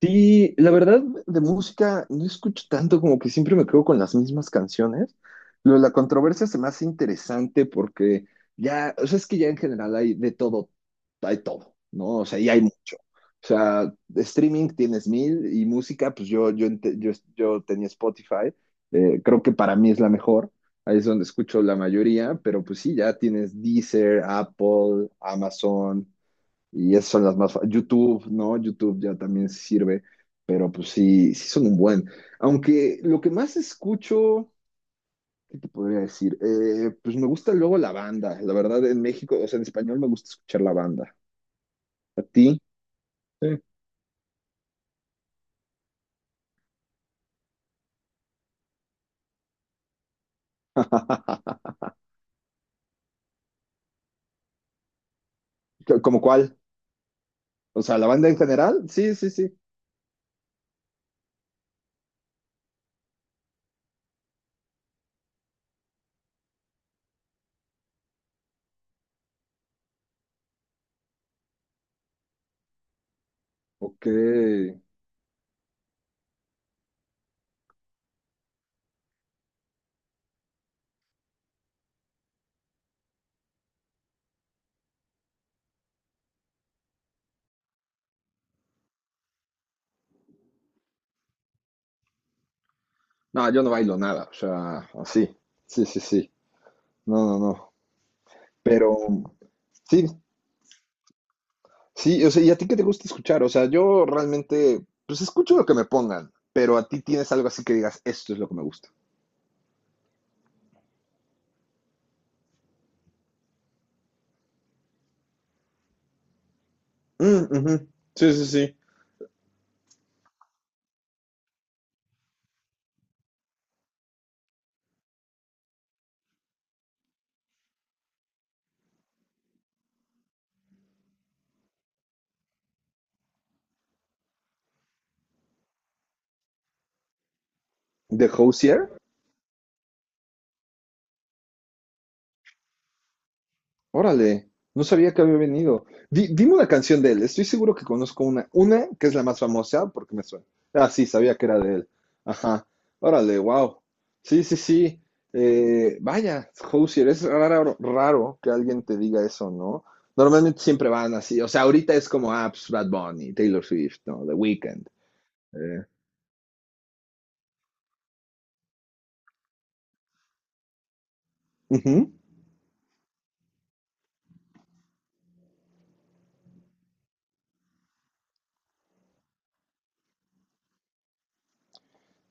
Sí, la verdad, de música no escucho tanto, como que siempre me quedo con las mismas canciones. Lo de la controversia se me hace interesante porque ya, o sea, es que ya en general hay de todo, hay todo, ¿no? O sea, y hay mucho. O sea, de streaming tienes mil y música, pues yo tenía Spotify. Creo que para mí es la mejor, ahí es donde escucho la mayoría, pero pues sí, ya tienes Deezer, Apple, Amazon. Y esas son las más. YouTube, ¿no? YouTube ya también sirve, pero pues sí, son un buen. Aunque lo que más escucho, ¿qué te podría decir? Pues me gusta luego la banda. La verdad, en México, o sea, en español me gusta escuchar la banda. ¿A ti? Sí. ¿Como cuál? O sea, ¿la banda en general? Sí, sí, sí. Ok. No, yo no bailo nada, o sea, así. Sí, sí, sí. No, no, no. Pero sí, sí, o sea, ¿y a ti qué te gusta escuchar? O sea, yo realmente, pues escucho lo que me pongan, pero a ti tienes algo así que digas, esto es lo que me gusta. Mm, ujú. Sí, sí, sí. ¿De Hozier? Órale, no sabía que había venido. Dime una canción de él, estoy seguro que conozco una que es la más famosa porque me suena. Ah, sí, sabía que era de él. Ajá, órale, wow. Sí, sí, sí. Vaya, Hozier, es raro, raro que alguien te diga eso, ¿no? Normalmente siempre van así, o sea, ahorita es como, ah, pues, Bad Bunny, Taylor Swift, ¿no? The Weeknd. Eh, Ujú.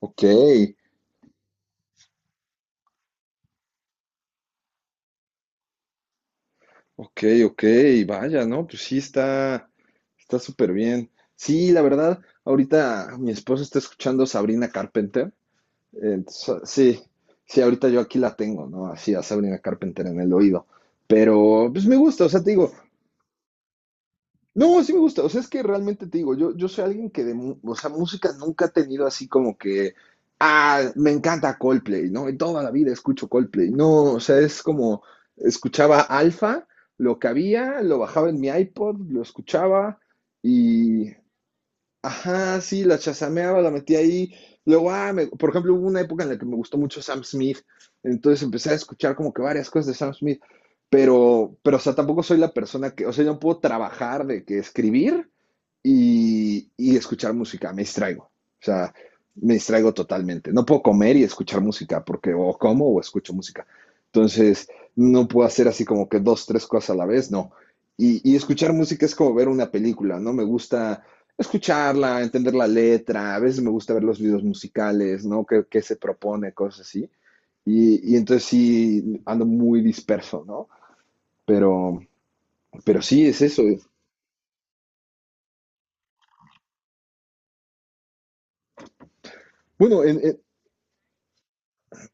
Ok, ok, ok, vaya, ¿no? Pues sí, está súper bien. Sí, la verdad, ahorita mi esposo está escuchando Sabrina Carpenter. Entonces, sí, sí, ahorita yo aquí la tengo, ¿no? Así a Sabrina Carpenter en el oído. Pero pues me gusta, o sea, te digo, no, sí me gusta. O sea, es que realmente te digo, yo soy alguien que de, o sea, música nunca ha tenido así como que, me encanta Coldplay, ¿no? En toda la vida escucho Coldplay. No, o sea, es como, escuchaba Alpha, lo que había, lo bajaba en mi iPod, lo escuchaba. Ajá, sí, la chasameaba, la metía ahí. Luego, por ejemplo, hubo una época en la que me gustó mucho Sam Smith, entonces empecé a escuchar como que varias cosas de Sam Smith, pero, o sea, tampoco soy la persona que, o sea, yo no puedo trabajar de que escribir y escuchar música, me distraigo. O sea, me distraigo totalmente. No puedo comer y escuchar música, porque o como o escucho música. Entonces, no puedo hacer así como que dos, tres cosas a la vez, no. Y escuchar música es como ver una película, ¿no? Me gusta escucharla, entender la letra, a veces me gusta ver los videos musicales, ¿no? ¿Qué se propone? Cosas así. Entonces sí, ando muy disperso, ¿no? Pero, sí, es eso. Bueno,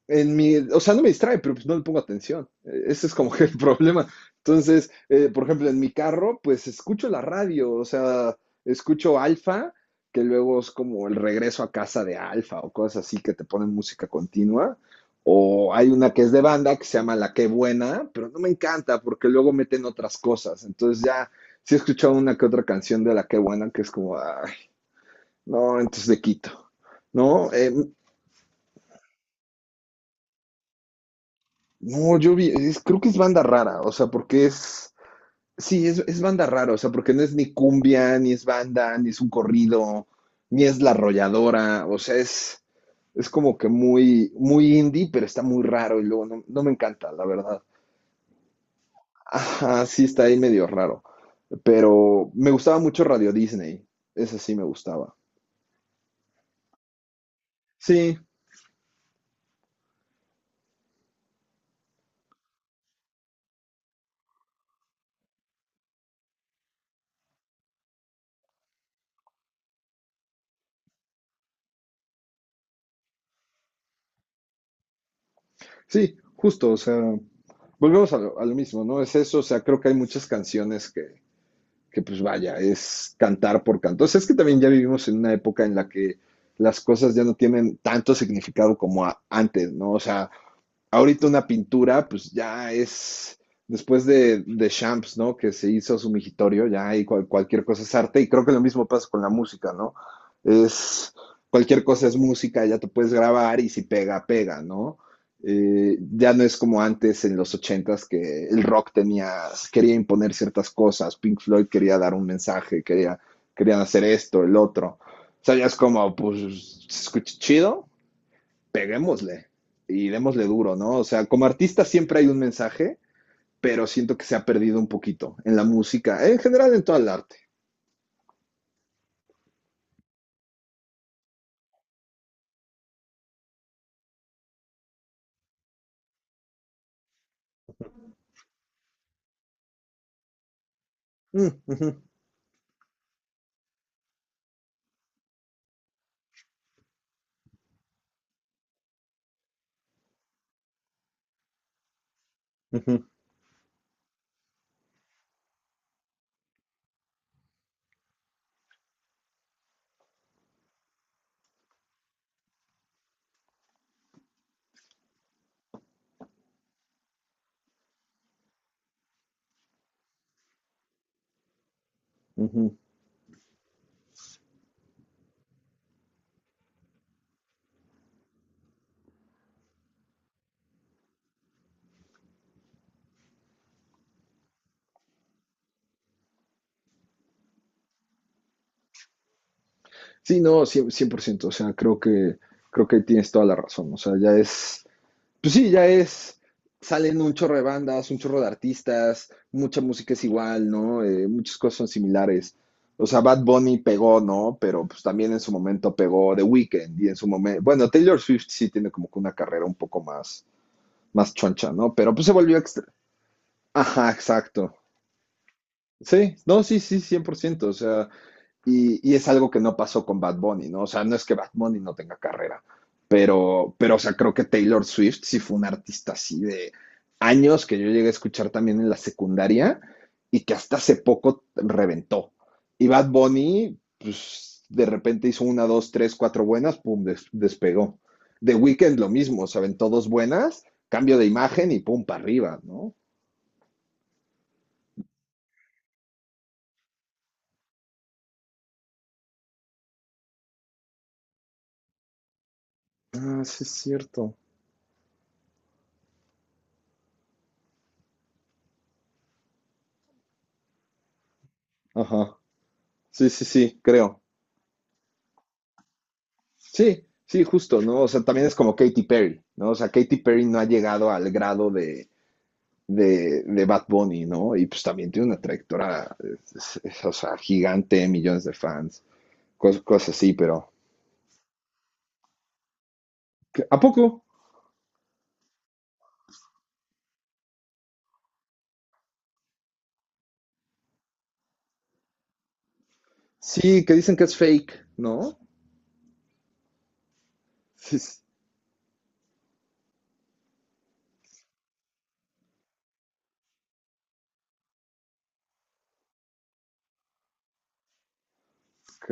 en mi, o sea, no me distrae, pero pues no le pongo atención. Ese es como que el problema. Entonces, por ejemplo, en mi carro, pues escucho la radio, o sea, escucho Alfa, que luego es como el regreso a casa de Alfa o cosas así que te ponen música continua. O hay una que es de banda que se llama La Qué Buena, pero no me encanta porque luego meten otras cosas. Entonces ya sí he escuchado una que otra canción de La Qué Buena que es como, ay, no, entonces le quito, ¿no? No, yo vi, creo que es banda rara, o sea, porque es, sí, es banda rara, o sea, porque no es ni cumbia, ni es banda, ni es un corrido, ni es la arrolladora, o sea, es como que muy, muy indie, pero está muy raro y luego no, no me encanta, la verdad. Ajá, sí, está ahí medio raro, pero me gustaba mucho Radio Disney, esa sí me gustaba. Sí, sí, justo, o sea, volvemos a lo, mismo, ¿no? Es eso, o sea, creo que hay muchas canciones que pues vaya, es cantar por canto. Entonces es que también ya vivimos en una época en la que las cosas ya no tienen tanto significado como antes, ¿no? O sea, ahorita una pintura, pues ya es después de Champs, ¿no? Que se hizo su migitorio, ya hay cualquier cosa es arte, y creo que lo mismo pasa con la música, ¿no? Es cualquier cosa es música, ya te puedes grabar y si pega, pega, ¿no? Ya no es como antes en los ochentas que el rock tenía, quería imponer ciertas cosas, Pink Floyd quería dar un mensaje, quería, querían hacer esto, el otro. O sea, ya es como, pues, se escucha chido, peguémosle y démosle duro, ¿no? O sea, como artista siempre hay un mensaje, pero siento que se ha perdido un poquito en la música, en general en todo el arte. Mm, uh -huh, uh -huh, uh -huh. Sí, no, 100%, 100%, o sea, creo que tienes toda la razón, o sea, ya es pues sí, salen un chorro de bandas, un chorro de artistas, mucha música es igual, ¿no? Muchas cosas son similares. O sea, Bad Bunny pegó, ¿no? Pero pues también en su momento pegó The Weeknd y en su momento, bueno, Taylor Swift sí tiene como que una carrera un poco más, choncha, ¿no? Pero pues se volvió extra. Ajá, exacto. Sí, no, sí, sí, 100%. O sea, es algo que no pasó con Bad Bunny, ¿no? O sea, no es que Bad Bunny no tenga carrera, pero, o sea, creo que Taylor Swift sí fue un artista así de años que yo llegué a escuchar también en la secundaria y que hasta hace poco reventó. Y Bad Bunny, pues de repente hizo una, dos, tres, cuatro buenas, pum, despegó. The Weeknd lo mismo, o sea, aventó dos buenas, cambio de imagen y pum, para arriba, ¿no? Ah, sí es cierto. Ajá. Sí, sí, sí, creo. Sí, sí, justo, ¿no? O sea, también es como Katy Perry, ¿no? O sea, Katy Perry no ha llegado al grado de, de Bad Bunny, ¿no? Y pues también tiene una trayectoria, o sea, gigante, millones de fans, cosas así, pero... ¿A poco? Sí, que dicen que es fake, ¿no? Sí, sí. Ok.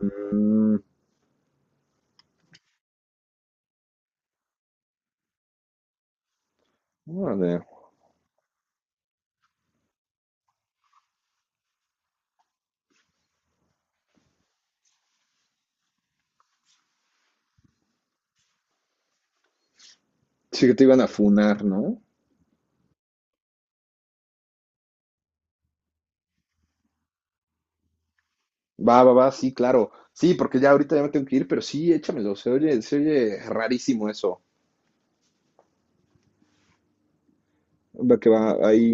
Mm, órale. Sí, que te iban a funar, ¿no? Va, va, va, sí, claro. Sí, porque ya ahorita ya me tengo que ir, pero sí, échamelo. Se oye rarísimo eso. Va que va, ahí.